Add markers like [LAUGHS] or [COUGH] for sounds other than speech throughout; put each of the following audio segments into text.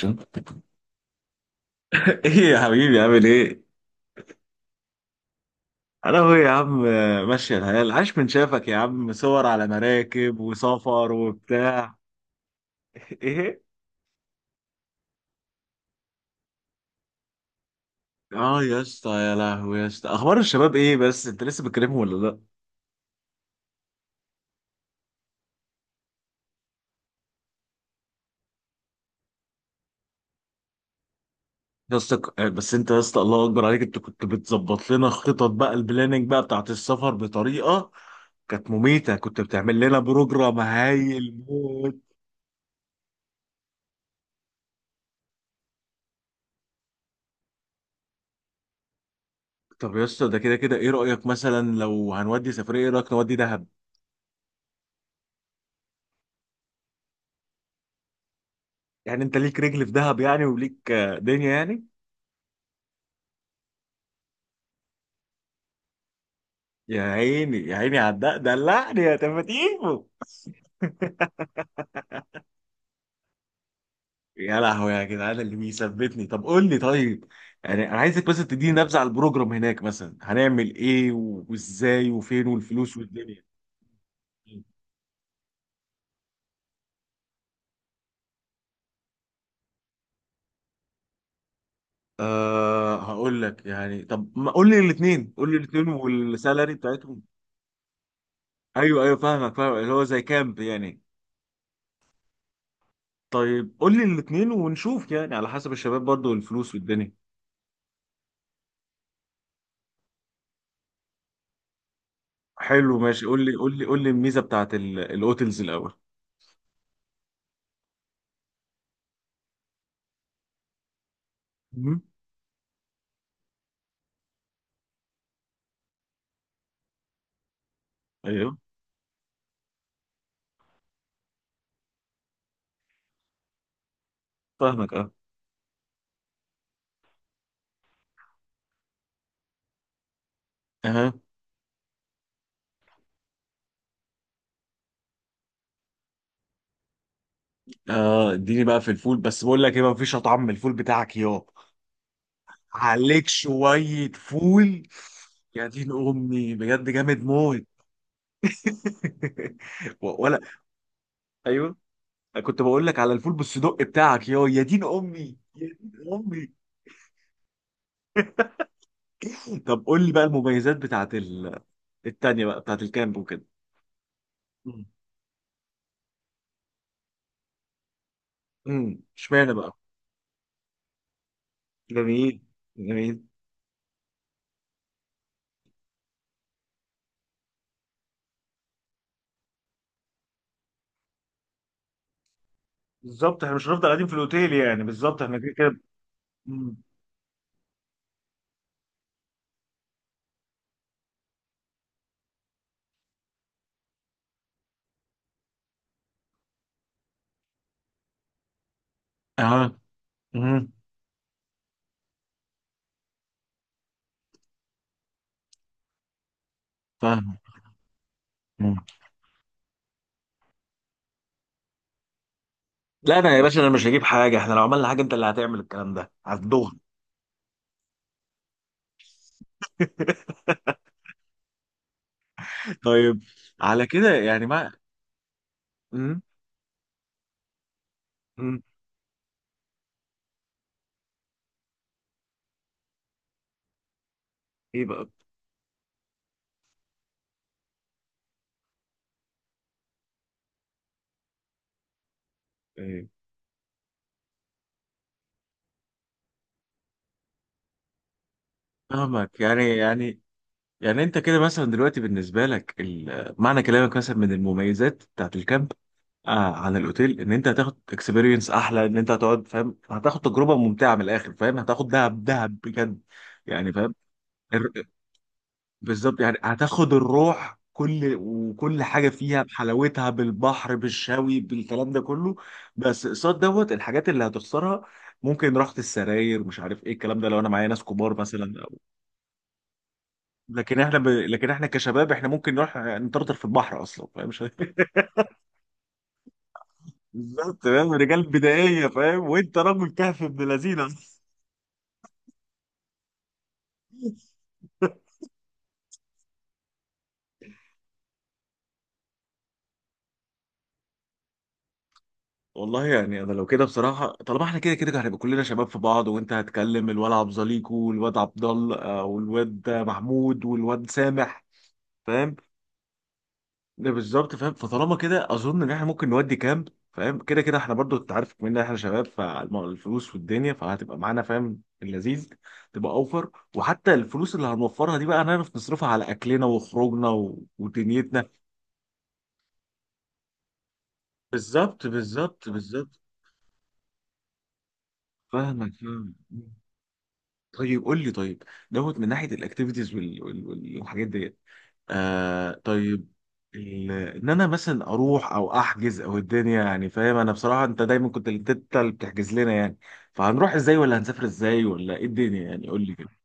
شن- [LAUGHS] ايه يا حبيبي عامل ايه؟ انا هو يا عم ماشية الحياة. عاش من شافك يا عم، صور على مراكب وسفر وبتاع. [LAUGHS] ايه؟ اه يا اسطى، يا لهوي يا اسطى، اخبار الشباب ايه؟ بس انت لسه بتكلمهم ولا لا؟ يا اسطى بس انت يا اسطى، الله اكبر عليك، انت كنت بتظبط لنا خطط بقى، البلاننج بقى بتاعت السفر بطريقة كانت مميتة، كنت بتعمل لنا بروجرام هايل موت. طب يا اسطى، ده كده كده ايه رأيك مثلا لو هنودي سفرية؟ ايه رأيك نودي دهب؟ يعني انت ليك رجل في دهب يعني، وليك دنيا يعني. يا عيني يا عيني على الدق، دلعني يا تفتيفو. يا لهوي يا جدعان اللي بيثبتني، طب قول لي طيب. يعني انا عايزك بس تديني نبذه على البروجرام هناك، مثلا هنعمل ايه وازاي وفين والفلوس والدنيا. أه هقول لك يعني، طب ما قول لي الاثنين، قول لي الاثنين والسالري بتاعتهم. ايوه ايوه، فاهمك، فاهم اللي هو زي كامب يعني. طيب قول لي الاثنين ونشوف يعني، على حسب الشباب برضو والفلوس والدنيا. حلو ماشي، قول لي قول لي قول لي الميزه بتاعت الاوتلز الاول. مهم. ايوه، فاهمك اه. اها. اه، اديني بقى في الفول، بس بقول لك ايه، ما فيش اطعم من الفول بتاعك يابا. عليك شويه فول. يا دين امي بجد، جامد موت. [LAUGHS] ولا ايوه. كنت بقول لك على الفول بالصدق بتاعك، يا يا دين امي يا دين امي. طب قول لي بقى المميزات بتاعت التانية بقى بتاعت الكامب وكده. امم، اشمعنى بقى؟ جميل، جميل. بالظبط، احنا مش هنفضل قاعدين في الاوتيل يعني، بالظبط احنا كده كده. مم. اه. امم. فاهم. مم. لا انا يا باشا، انا مش هجيب حاجه، احنا لو عملنا حاجه انت اللي هتعمل الكلام ده على الظهر. [LAUGHS] طيب، على كده يعني ما... امم. امم. ايه بقى؟ إيه. فاهمك يعني، يعني يعني انت كده مثلا دلوقتي بالنسبه لك معنى كلامك مثلا من المميزات بتاعت الكامب، آه عن الاوتيل، ان انت هتاخد اكسبيرينس احلى، ان انت هتقعد فاهم، هتاخد تجربه ممتعه من الاخر، فاهم هتاخد دهب دهب بجد يعني. فاهم. بالظبط يعني، هتاخد الروح كل وكل حاجه فيها بحلاوتها، بالبحر بالشوي بالكلام ده كله. بس قصاد دوت الحاجات اللي هتخسرها، ممكن راحه السراير، مش عارف ايه الكلام ده، لو انا معايا ناس كبار مثلا أو... لكن لكن احنا كشباب، احنا ممكن نروح نطرطر في البحر اصلا فاهم، مش [LAUGHS] بالظبط. فاهم، رجال بدائيه فاهم، وانت راجل كهف ابن لذينه. والله يعني انا لو كده بصراحه، طالما احنا كده كده هنبقى كلنا شباب في بعض، وانت هتكلم الواد عبد زليكو والواد عبد الله والواد محمود والواد سامح. فاهم، ده بالظبط فاهم، فطالما كده اظن ان احنا ممكن نودي كامب، فاهم كده كده احنا برضو انت عارف ان احنا شباب، فالفلوس والدنيا فهتبقى معانا فاهم اللذيذ، تبقى اوفر. وحتى الفلوس اللي هنوفرها دي بقى، هنعرف نصرفها على اكلنا وخروجنا و... ودنيتنا. بالظبط، بالظبط، بالظبط. فاهمك، فاهم. طيب قول لي، طيب دوت من ناحيه الاكتيفيتيز وال... وال... وال- والحاجات ديت. آه طيب، ال... ان انا مثلا اروح او احجز او الدنيا يعني، فاهم انا بصراحه انت دايما كنت انت اللي بتحجز لنا يعني، فهنروح ازاي ولا هنسافر ازاي ولا ايه الدنيا يعني؟ قول لي كده.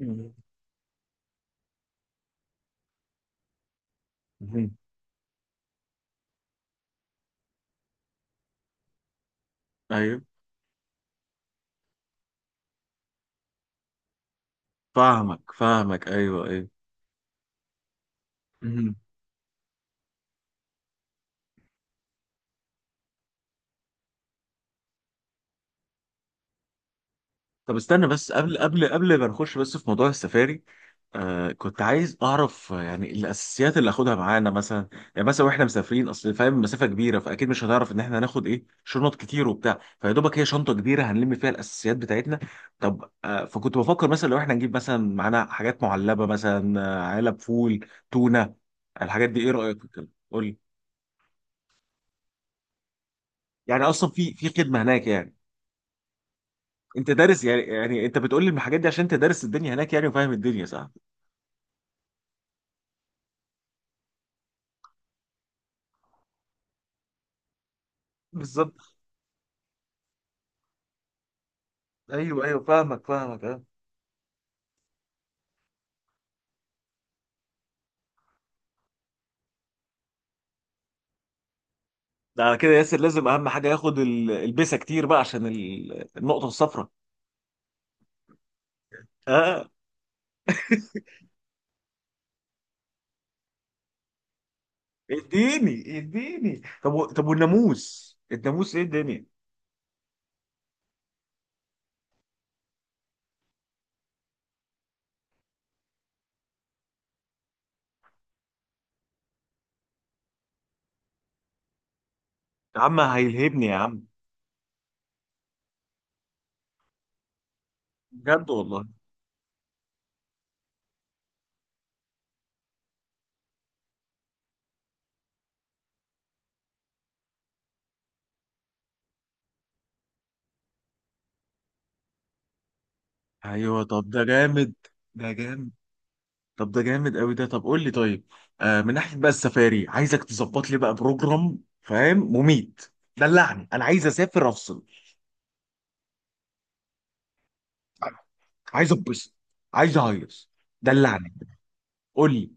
مم. مم. ايوه فاهمك، فاهمك ايوه. ايوه، طب استنى بس، قبل ما نخش بس في موضوع السفاري. آه كنت عايز اعرف يعني الاساسيات اللي اخدها معانا مثلا. يعني مثلا واحنا مسافرين، اصل فاهم مسافه كبيره فاكيد مش هنعرف ان احنا هناخد ايه، شنط كتير وبتاع، فيا دوبك هي شنطه كبيره هنلم فيها الاساسيات بتاعتنا. طب آه، فكنت بفكر مثلا لو احنا نجيب مثلا معانا حاجات معلبه مثلا، علب فول، تونه، الحاجات دي، ايه رايك في الكلام؟ قول لي. يعني اصلا في في خدمه هناك يعني؟ انت دارس يعني، يعني انت بتقول لي الحاجات دي عشان انت دارس الدنيا هناك يعني وفاهم الدنيا صح؟ بالظبط. ايوه ايوه، فاهمك فاهمك اه. ده على كده ياسر، لازم اهم حاجه ياخد البسه كتير بقى عشان النقطه الصفراء. اه اديني اديني، طب طب والناموس، الناموس ايه الدنيا؟ يا عم هيلهبني يا عم. بجد والله؟ ايوه، طب ده جامد، ده جامد، طب ده جامد قوي ده. طب قول لي طيب، آه من ناحيه بقى السفاري، عايزك تظبط لي بقى بروجرام فاهم، مميت. دلعني، انا عايز اسافر افصل. عايز ابسط، عايز اهيص. دلعني، قول لي.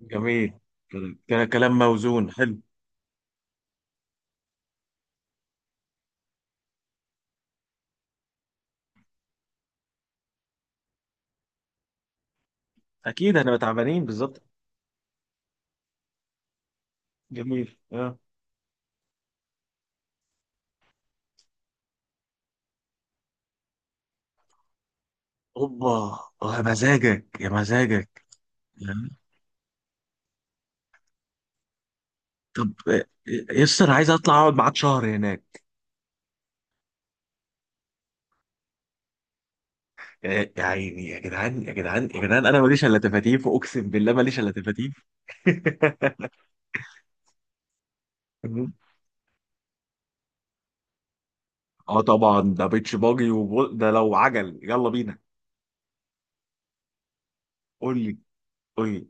جميل. كده كلام موزون حلو. اكيد احنا تعبانين، بالظبط. جميل اه. اوبا. يا مزاجك يا مزاجك. آه. طب يس، انا عايز اطلع اقعد معاك شهر هناك. يا يا عيني يا جدعان يا جدعان يا جدعان، انا ماليش الا تفاتيف، اقسم بالله ماليش الا تفاتيف. [LAUGHS] اه طبعا، ده بيتش باجي وبول، ده لو عجل يلا بينا. قول لي، قول لي.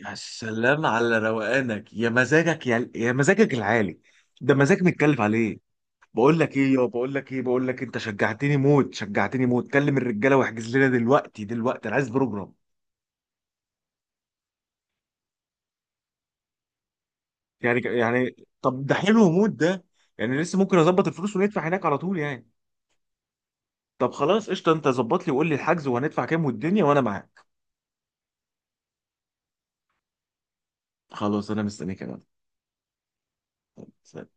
يا سلام على روقانك، يا مزاجك، يا يا مزاجك العالي. ده مزاج متكلف عليه. بقول لك ايه يا، بقول لك ايه، بقول لك انت شجعتني موت، شجعتني موت، كلم الرجاله واحجز لنا دلوقتي دلوقتي، انا عايز بروجرام. يعني يعني، طب ده حلو موت ده، يعني لسه ممكن اظبط الفلوس وندفع هناك على طول يعني؟ طب خلاص قشطه، انت ظبط لي وقول لي الحجز، وهندفع كام والدنيا وانا معاك. خلاص انا مستنيك يا مان.